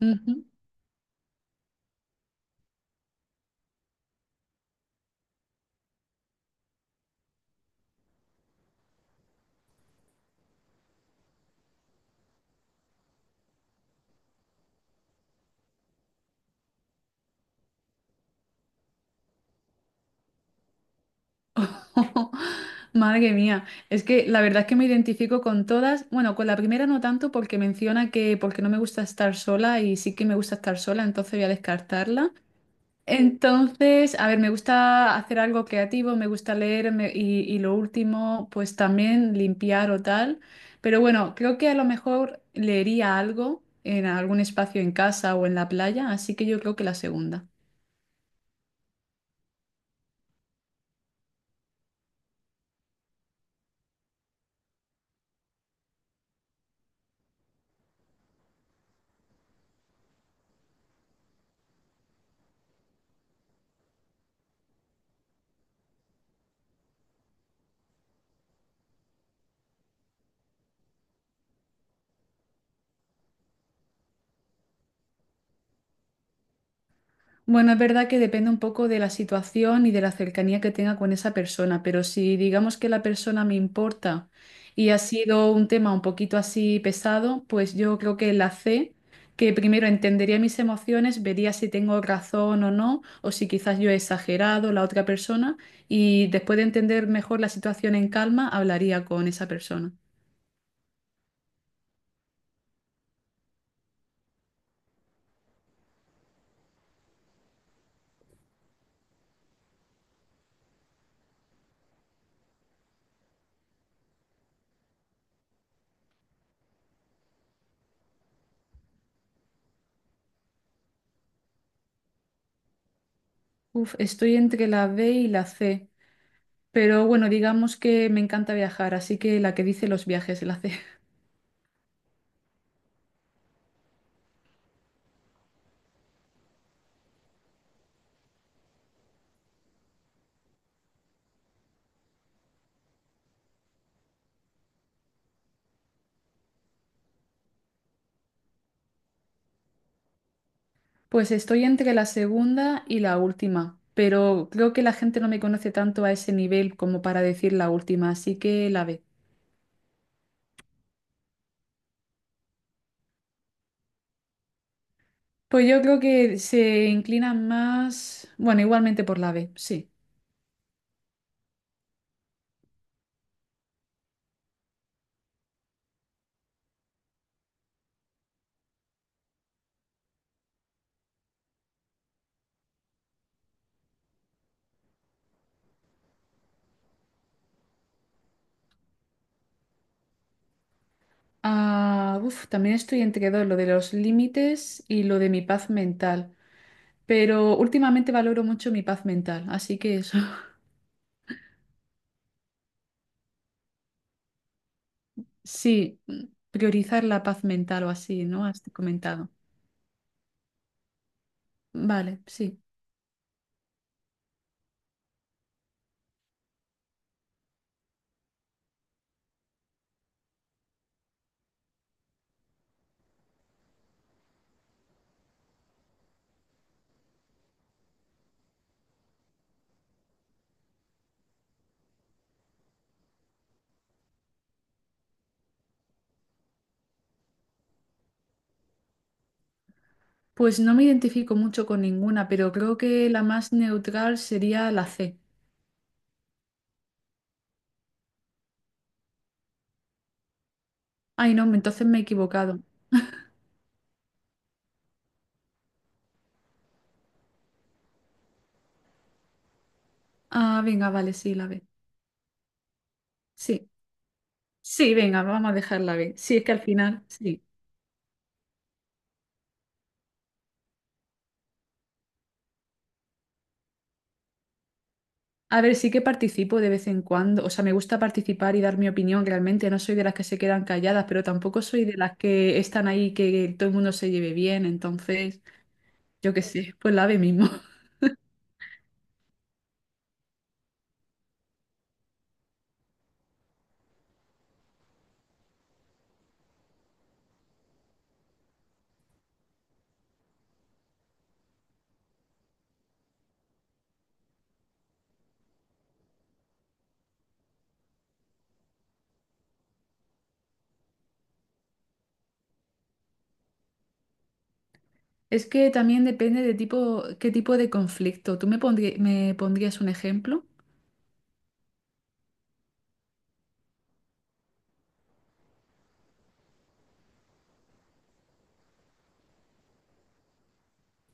Ujú. Madre mía, es que la verdad es que me identifico con todas, bueno, con la primera no tanto porque menciona que porque no me gusta estar sola y sí que me gusta estar sola, entonces voy a descartarla. Entonces, a ver, me gusta hacer algo creativo, me gusta y lo último, pues también limpiar o tal, pero bueno, creo que a lo mejor leería algo en algún espacio en casa o en la playa, así que yo creo que la segunda. Bueno, es verdad que depende un poco de la situación y de la cercanía que tenga con esa persona, pero si digamos que la persona me importa y ha sido un tema un poquito así pesado, pues yo creo que la C, que primero entendería mis emociones, vería si tengo razón o no, o si quizás yo he exagerado la otra persona, y después de entender mejor la situación en calma, hablaría con esa persona. Uf, estoy entre la B y la C, pero bueno, digamos que me encanta viajar, así que la que dice los viajes, la C. Pues estoy entre la segunda y la última, pero creo que la gente no me conoce tanto a ese nivel como para decir la última, así que la B. Pues yo creo que se inclinan más, bueno, igualmente por la B, sí. Ah, uf, también estoy entre dos, lo de los límites y lo de mi paz mental, pero últimamente valoro mucho mi paz mental, así que eso, sí, priorizar la paz mental o así, ¿no? Has comentado. Vale, sí. Pues no me identifico mucho con ninguna, pero creo que la más neutral sería la C. Ay, no, entonces me he equivocado. Ah, venga, vale, sí, la B. Sí, sí, venga, vamos a dejar la B. Sí, es que al final, sí. A ver, sí que participo de vez en cuando. O sea, me gusta participar y dar mi opinión realmente. No soy de las que se quedan calladas, pero tampoco soy de las que están ahí que todo el mundo se lleve bien. Entonces, yo qué sé, pues la B mismo. Es que también depende de tipo, qué tipo de conflicto. Me pondrías un ejemplo?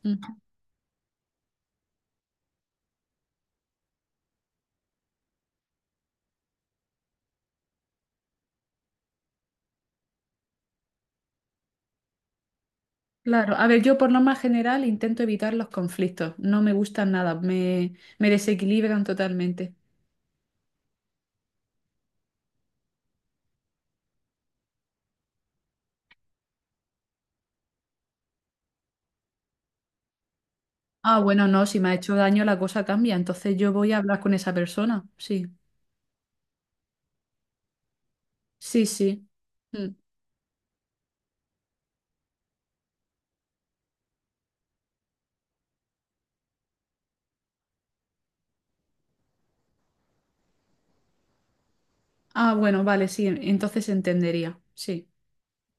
Mm. Claro, a ver, yo por lo más general intento evitar los conflictos, no me gustan nada, me desequilibran totalmente. Ah, bueno, no, si me ha hecho daño la cosa cambia, entonces yo voy a hablar con esa persona, sí, sí, sí. Mm. Ah, bueno, vale, sí, entonces entendería, sí.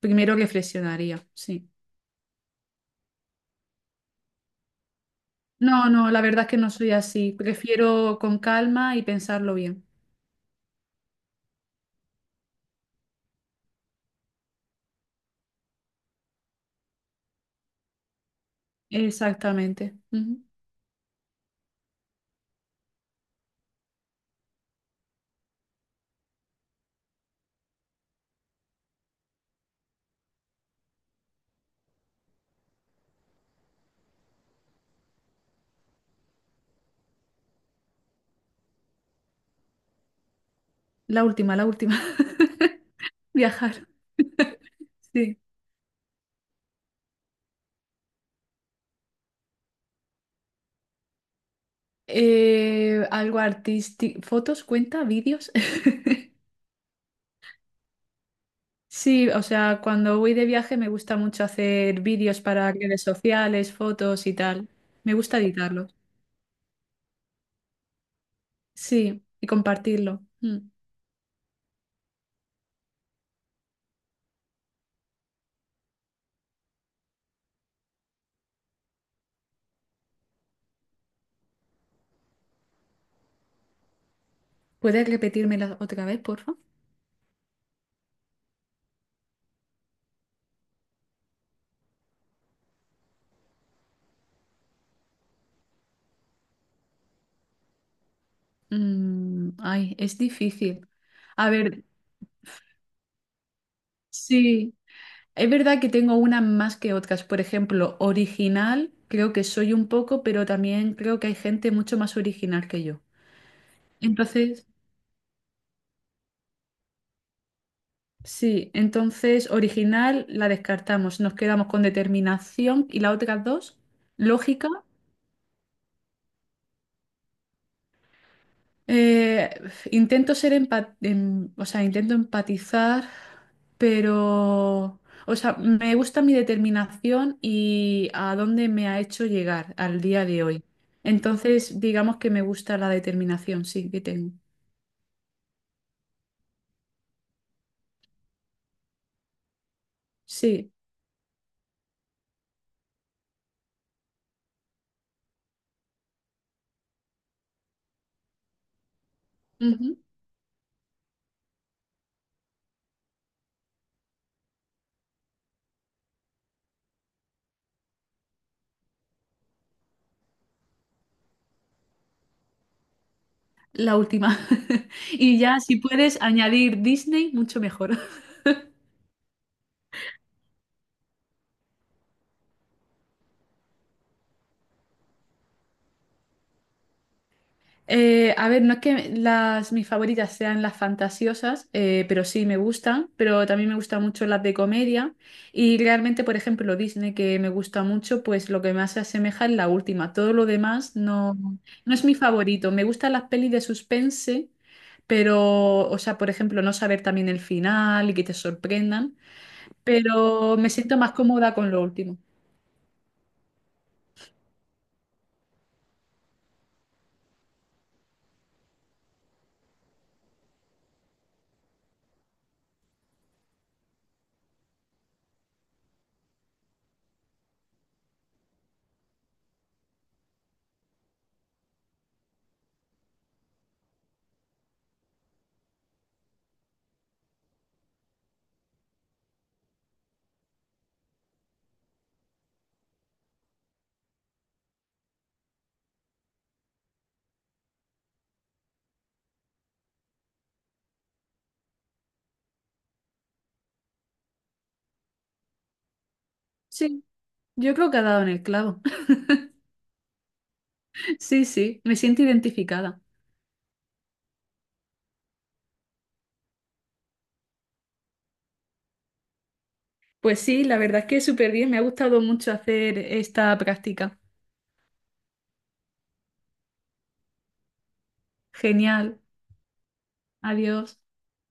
Primero reflexionaría, sí. No, no, la verdad es que no soy así, prefiero con calma y pensarlo bien. Exactamente. Ujú. La última, viajar, sí. Algo artístico. ¿Fotos cuenta? ¿Vídeos? Sí, o sea, cuando voy de viaje me gusta mucho hacer vídeos para redes sociales, fotos y tal. Me gusta editarlos. Sí, y compartirlo. Mm. ¿Puedes repetírmela otra vez, por favor? Mm, ay, es difícil. A ver, sí, es verdad que tengo unas más que otras. Por ejemplo, original, creo que soy un poco, pero también creo que hay gente mucho más original que yo. Entonces, sí, entonces original la descartamos, nos quedamos con determinación y las otras dos, lógica. Eh, intento ser empa- em- O sea, intento empatizar, pero, o sea, me gusta mi determinación y a dónde me ha hecho llegar al día de hoy. Entonces, digamos que me gusta la determinación, sí, que tengo. Sí. Ujú. La última. Y ya, si puedes añadir Disney, mucho mejor. A ver, no es que las, mis favoritas sean las fantasiosas, pero sí me gustan, pero también me gustan mucho las de comedia y realmente, por ejemplo, Disney, que me gusta mucho, pues lo que más se asemeja es la última. Todo lo demás no, no es mi favorito. Me gustan las pelis de suspense, pero, o sea, por ejemplo, no saber también el final y que te sorprendan, pero me siento más cómoda con lo último. Sí, yo creo que ha dado en el clavo. Sí, sí, me siento identificada. Pues sí, la verdad es que súper bien. Me ha gustado mucho hacer esta práctica. Genial. Adiós.